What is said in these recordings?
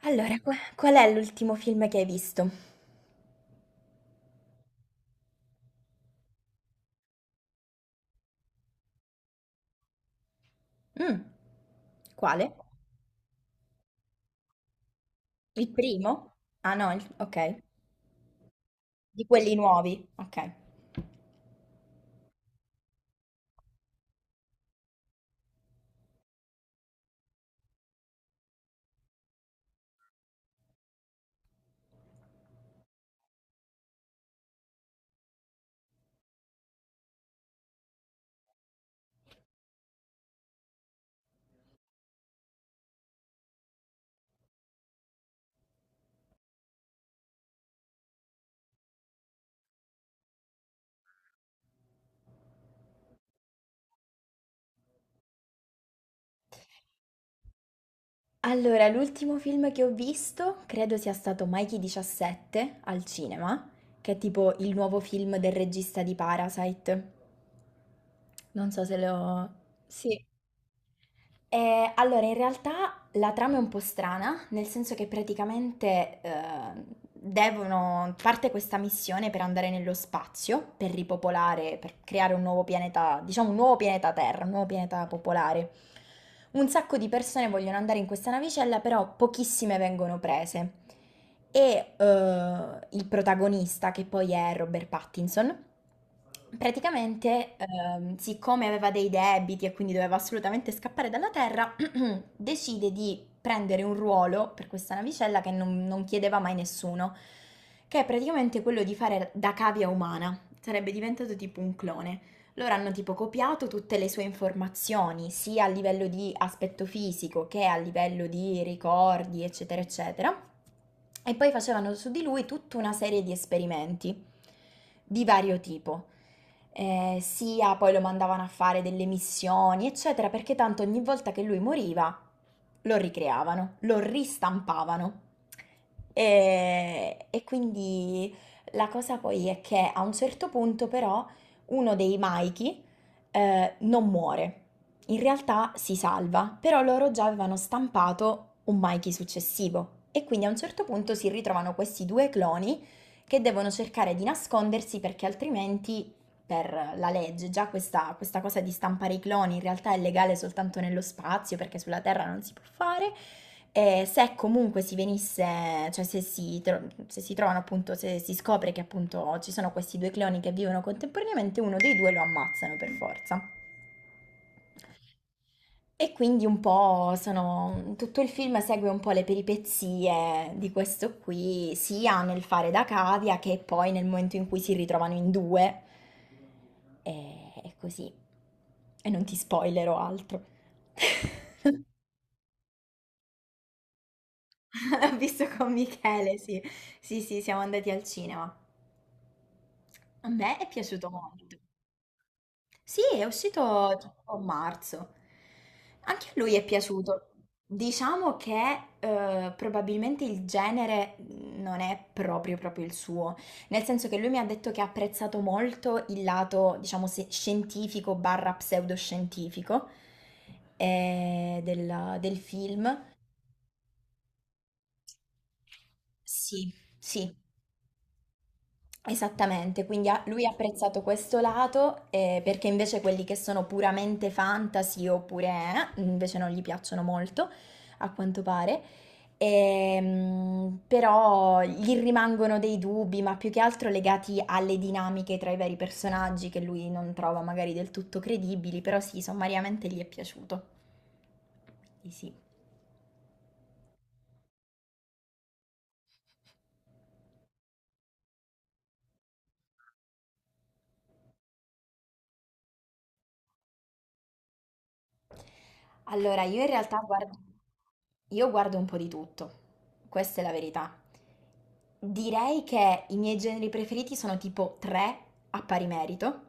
Allora, qual è l'ultimo film che hai visto? Mh. Quale? Il primo? Ah no, il okay. Di quelli nuovi, okay. Allora, l'ultimo film che ho visto credo sia stato Mikey 17 al cinema, che è tipo il nuovo film del regista di Parasite. Non so se lo... Sì. Allora, in realtà la trama è un po' strana, nel senso che praticamente, devono parte questa missione per andare nello spazio, per ripopolare, per creare un nuovo pianeta, diciamo un nuovo pianeta Terra, un nuovo pianeta popolare. Un sacco di persone vogliono andare in questa navicella, però pochissime vengono prese. E eh, il protagonista, che poi è Robert Pattinson, praticamente, siccome aveva dei debiti e quindi doveva assolutamente scappare dalla Terra, decide di prendere un ruolo per questa navicella che non chiedeva mai nessuno, che è praticamente quello di fare da cavia umana. Sarebbe diventato tipo un clone. Loro hanno tipo copiato tutte le sue informazioni, sia a livello di aspetto fisico che a livello di ricordi, eccetera, eccetera. E poi facevano su di lui tutta una serie di esperimenti di vario tipo. Sia poi lo mandavano a fare delle missioni, eccetera, perché tanto ogni volta che lui moriva lo ricreavano, lo ristampavano. E quindi la cosa poi è che a un certo punto però uno dei Maiki non muore. In realtà si salva, però loro già avevano stampato un Maiki successivo e quindi a un certo punto si ritrovano questi due cloni che devono cercare di nascondersi perché altrimenti per la legge già questa cosa di stampare i cloni in realtà è legale soltanto nello spazio perché sulla Terra non si può fare e se comunque si venisse, cioè se si trovano appunto, se si scopre che appunto ci sono questi due cloni che vivono contemporaneamente, uno dei due lo ammazzano per forza. E quindi un po' sono, tutto il film segue un po' le peripezie di questo qui, sia nel fare da cavia che poi nel momento in cui si ritrovano in due. E così. E non ti spoilerò altro. L'ho visto con Michele, sì. Sì, sì, siamo andati al cinema. A me è piaciuto molto. Sì, è uscito tipo a marzo. Anche a lui è piaciuto. Diciamo che probabilmente il genere non è proprio proprio il suo, nel senso che lui mi ha detto che ha apprezzato molto il lato, diciamo, scientifico barra pseudoscientifico del film. Sì, sì. Esattamente, quindi lui ha apprezzato questo lato, perché invece quelli che sono puramente fantasy oppure invece non gli piacciono molto, a quanto pare. Però gli rimangono dei dubbi, ma più che altro legati alle dinamiche tra i vari personaggi che lui non trova magari del tutto credibili, però sì, sommariamente gli è piaciuto. Quindi sì. Allora, io in realtà guardo, io guardo un po' di tutto, questa è la verità. Direi che i miei generi preferiti sono tipo tre a pari merito,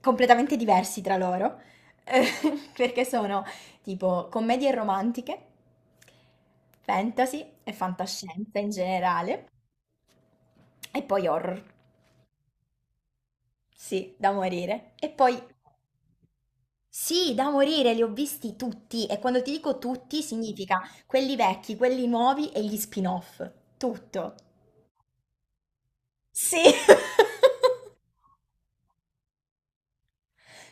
completamente diversi tra loro, eh, perché sono tipo commedie romantiche, fantasy e fantascienza in generale, e poi horror, sì, da morire. E poi sì, da morire, li ho visti tutti e quando ti dico tutti significa quelli vecchi, quelli nuovi e gli spin-off. Tutto. Sì.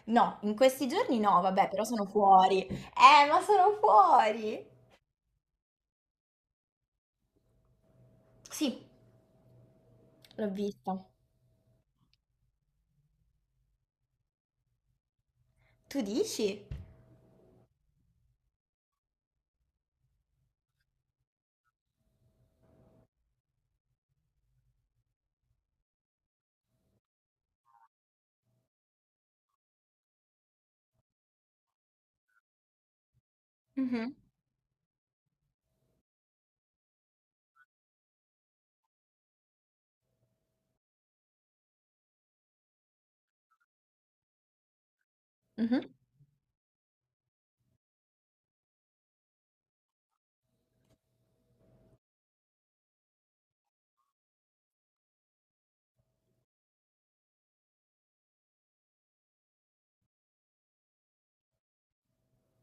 No, in questi giorni no, vabbè, però sono fuori. Ma sono fuori. Sì, l'ho vista. Tu dici? Mhm. Mhm.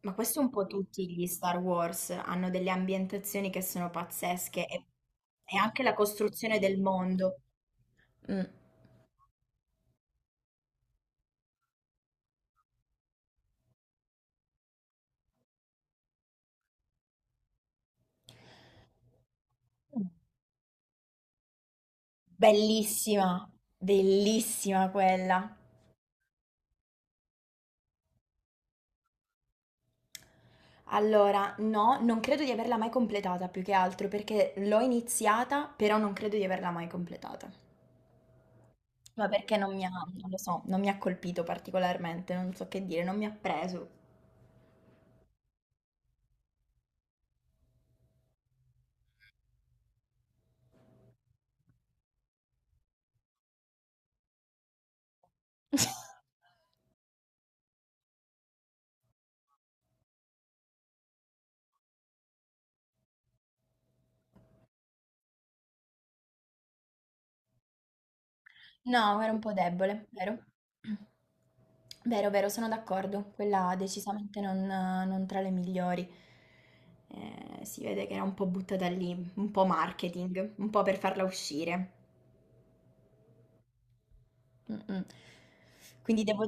Ma questo un po' tutti gli Star Wars hanno delle ambientazioni che sono pazzesche e anche la costruzione del mondo. Mm. Bellissima, bellissima quella. Allora, no, non credo di averla mai completata, più che altro perché l'ho iniziata, però non credo di averla mai completata. Ma perché non mi ha, non lo so, non mi ha colpito particolarmente, non so che dire, non mi ha preso. No, era un po' debole, vero? Vero, vero, sono d'accordo. Quella decisamente non tra le migliori. Si vede che era un po' buttata lì, un po' marketing, un po' per farla uscire. Mh-mh. Quindi devo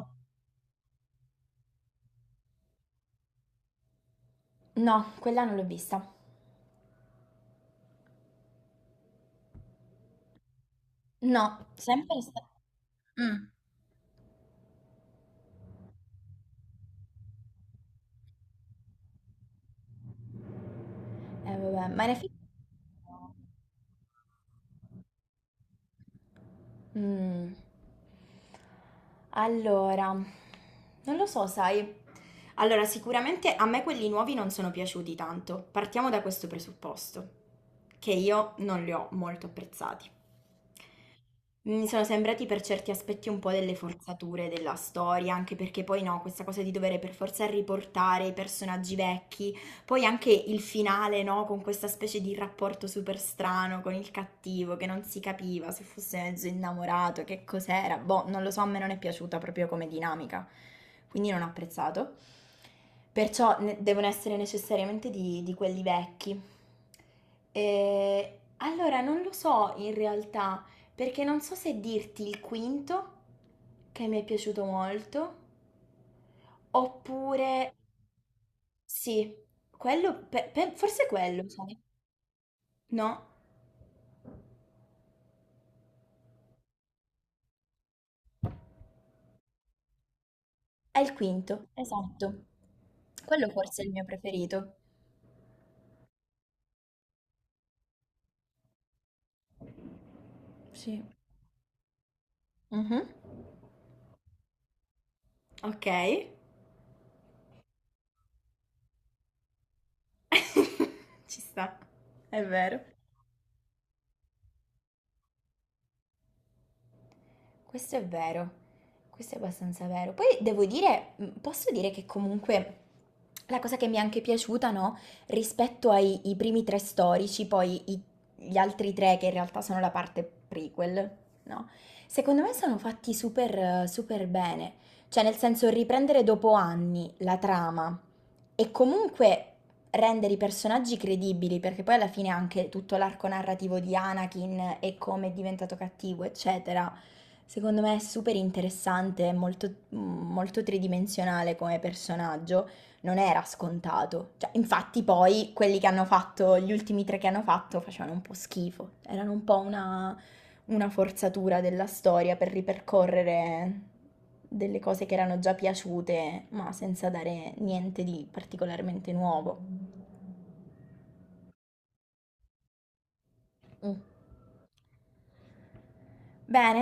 no, quella non l'ho vista. No, sempre sta mh. Eh vabbè, ma in effe mm. Allora, non lo so, sai. Allora, sicuramente a me quelli nuovi non sono piaciuti tanto. Partiamo da questo presupposto, che io non li ho molto apprezzati. Mi sono sembrati per certi aspetti un po' delle forzature della storia, anche perché poi no, questa cosa di dover per forza riportare i personaggi vecchi, poi anche il finale, no? Con questa specie di rapporto super strano con il cattivo che non si capiva se fosse mezzo innamorato, che cos'era. Boh, non lo so, a me non è piaciuta proprio come dinamica, quindi non ho apprezzato. Perciò devono essere necessariamente di quelli vecchi. E allora non lo so in realtà, perché non so se dirti il quinto, che mi è piaciuto molto, oppure sì, quello, forse quello, sai? No? È il quinto, esatto. Quello forse è il mio preferito. Sì. Mhm. Ok. Ci sta, è vero. Questo è vero, questo è abbastanza vero. Poi devo dire, posso dire che comunque la cosa che mi è anche piaciuta, no? Rispetto ai i primi tre storici, gli altri tre che in realtà sono la parte prequel, no? Secondo me sono fatti super, super bene. Cioè, nel senso, riprendere dopo anni la trama e comunque rendere i personaggi credibili, perché poi alla fine anche tutto l'arco narrativo di Anakin e come è diventato cattivo, eccetera, secondo me è super interessante, è molto, molto tridimensionale come personaggio, non era scontato. Cioè, infatti poi quelli che hanno fatto, gli ultimi tre che hanno fatto, facevano un po' schifo, erano un po' una forzatura della storia per ripercorrere delle cose che erano già piaciute, ma senza dare niente di particolarmente nuovo. Mm. Bene,